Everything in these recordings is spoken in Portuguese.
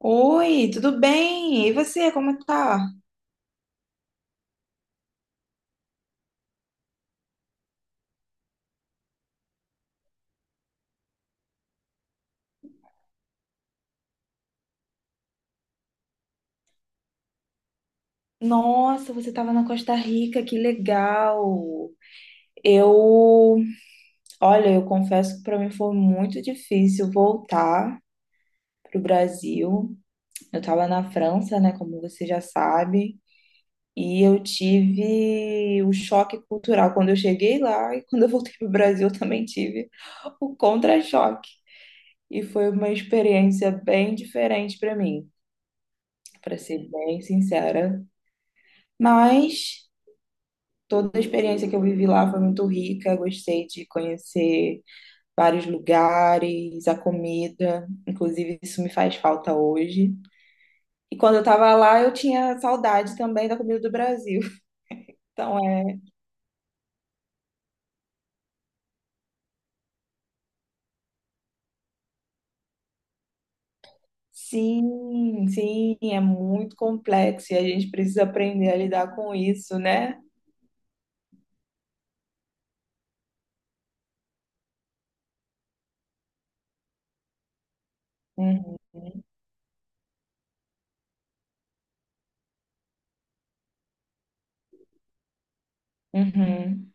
Oi, tudo bem? E você, como tá? Nossa, você estava na Costa Rica, que legal! Eu, olha, eu confesso que para mim foi muito difícil voltar pro Brasil. Eu estava na França, né, como você já sabe, e eu tive o choque cultural quando eu cheguei lá e quando eu voltei pro Brasil eu também tive o contra-choque. E foi uma experiência bem diferente para mim, para ser bem sincera. Mas toda a experiência que eu vivi lá foi muito rica. Gostei de conhecer vários lugares, a comida. Inclusive, isso me faz falta hoje. E quando eu estava lá, eu tinha saudade também da comida do Brasil. Então, sim, sim, é muito complexo e a gente precisa aprender a lidar com isso, né? Uhum, uhum.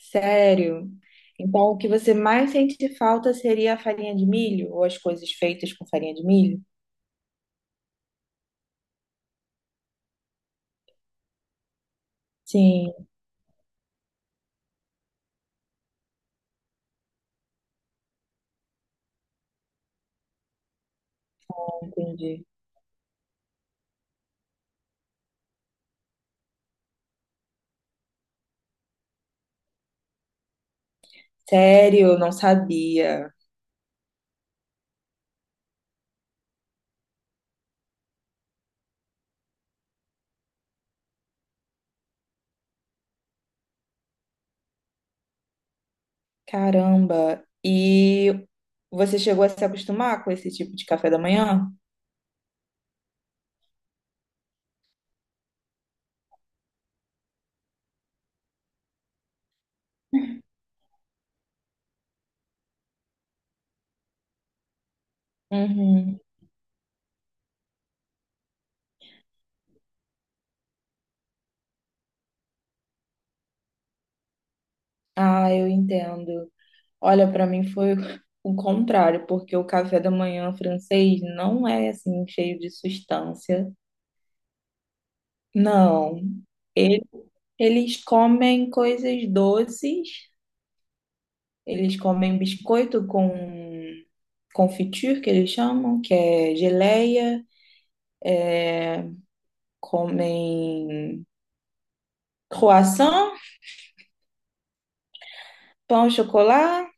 Sério. Então, o que você mais sente falta seria a farinha de milho ou as coisas feitas com farinha de milho? Sim, entendi. Sério, não sabia. Caramba. E você chegou a se acostumar com esse tipo de café da manhã? Uhum. Ah, eu entendo. Olha, para mim foi o contrário, porque o café da manhã francês não é assim cheio de substância. Não. Ele- Eles comem coisas doces, eles comem biscoito com confiture, que eles chamam, que é geleia, comem croissant, pão, chocolate.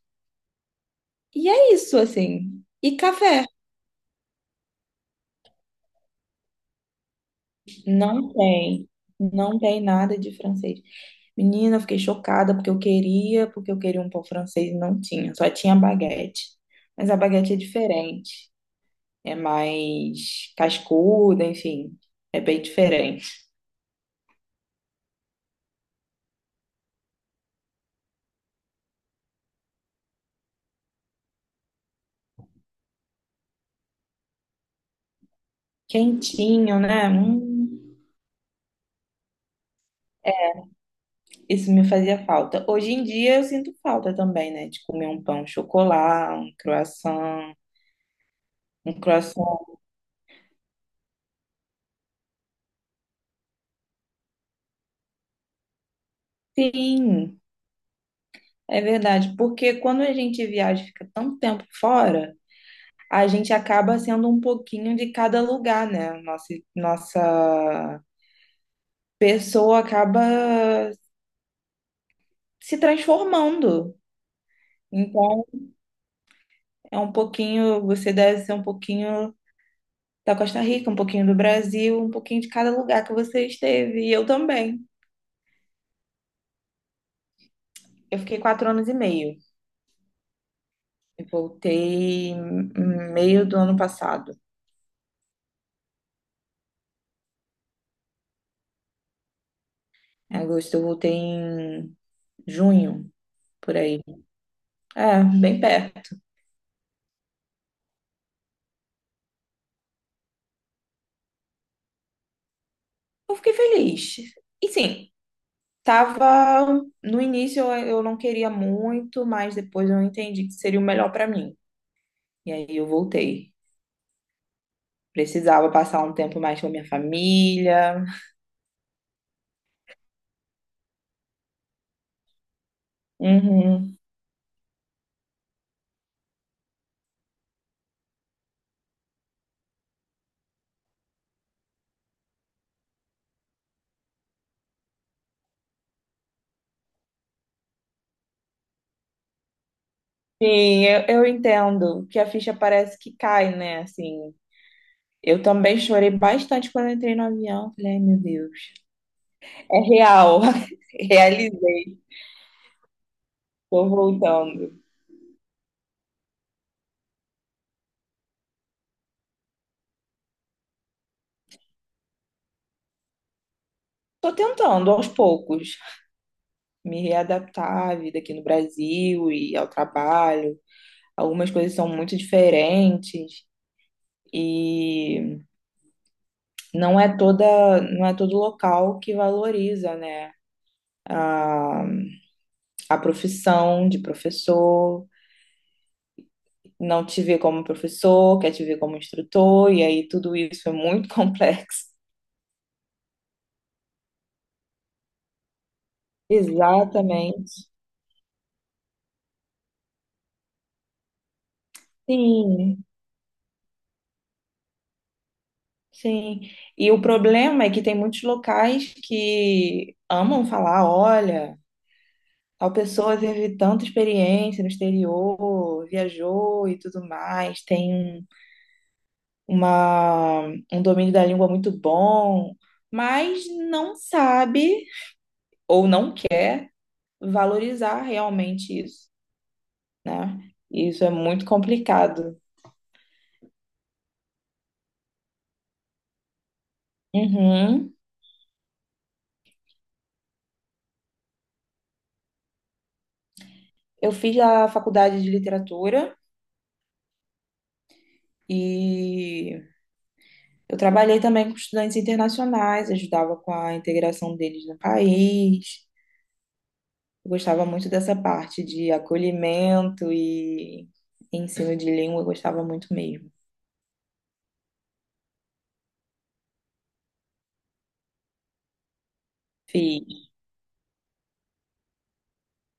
E é isso, assim. E café. Não tem. Não tem nada de francês. Menina, eu fiquei chocada porque eu queria um pão francês e não tinha. Só tinha baguete. Mas a baguete é diferente. É mais cascuda, enfim. É bem diferente. Quentinho, né? Isso me fazia falta. Hoje em dia eu sinto falta também, né? De comer um pão chocolate, um croissant. Um croissant. Sim. É verdade, porque quando a gente viaja e fica tanto tempo fora, a gente acaba sendo um pouquinho de cada lugar, né? Nossa, nossa pessoa acaba se transformando. Então, é um pouquinho, você deve ser um pouquinho da Costa Rica, um pouquinho do Brasil, um pouquinho de cada lugar que você esteve. E eu também. Eu fiquei quatro anos e meio. Eu voltei em meio do ano passado. Em agosto, eu voltei em junho, por aí. É, bem perto. Eu fiquei feliz. E sim, tava. No início eu não queria muito, mas depois eu entendi que seria o melhor pra mim. E aí eu voltei. Precisava passar um tempo mais com a minha família. Uhum. Sim, eu entendo que a ficha parece que cai, né? Assim, eu também chorei bastante quando eu entrei no avião. Falei, ai, meu Deus. É real. Realizei. Tô voltando. Tô tentando aos poucos me readaptar à vida aqui no Brasil e ao trabalho. Algumas coisas são muito diferentes e não é todo local que valoriza, né? A, a profissão de professor, não te vê como professor, quer te ver como instrutor, e aí tudo isso é muito complexo. Exatamente. Sim, sim. E o problema é que tem muitos locais que amam falar, olha, tal pessoa teve tanta experiência no exterior, viajou e tudo mais, tem uma, um domínio da língua muito bom, mas não sabe ou não quer valorizar realmente isso, né? E isso é muito complicado. Uhum. Eu fiz a faculdade de literatura e eu trabalhei também com estudantes internacionais, ajudava com a integração deles no país. Eu gostava muito dessa parte de acolhimento e ensino de língua, eu gostava muito mesmo. Fiz,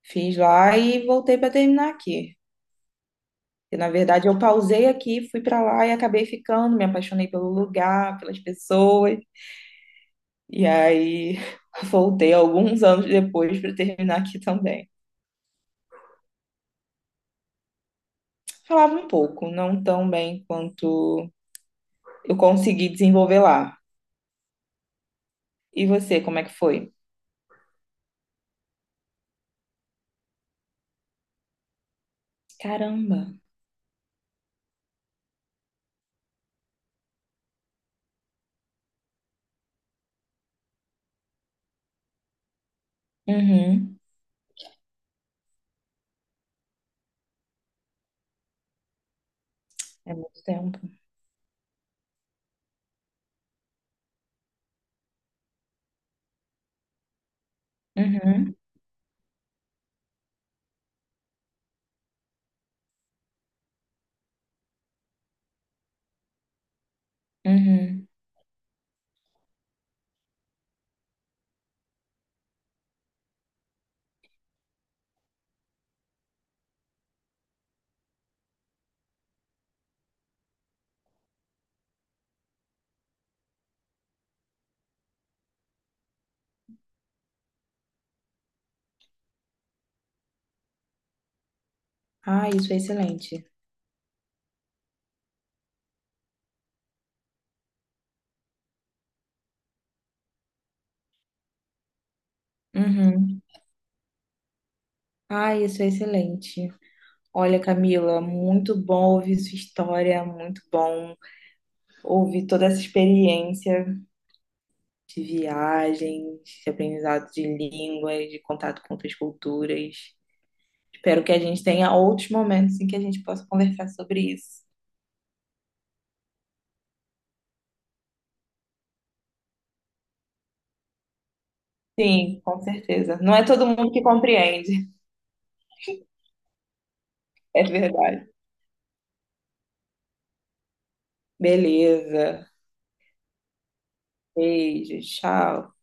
fiz lá e voltei para terminar aqui. E, na verdade, eu pausei aqui, fui para lá e acabei ficando, me apaixonei pelo lugar, pelas pessoas. E aí voltei alguns anos depois para terminar aqui também. Falava um pouco, não tão bem quanto eu consegui desenvolver lá. E você, como é que foi? Caramba. Uhum. É muito tempo. Uhum. Uhum. Ah, isso é excelente. Uhum. Ah, isso é excelente. Olha, Camila, muito bom ouvir sua história, muito bom ouvir toda essa experiência de viagem, de aprendizado de línguas, de contato com outras culturas. Espero que a gente tenha outros momentos em que a gente possa conversar sobre isso. Sim, com certeza. Não é todo mundo que compreende, é verdade. Beleza. Beijo, tchau.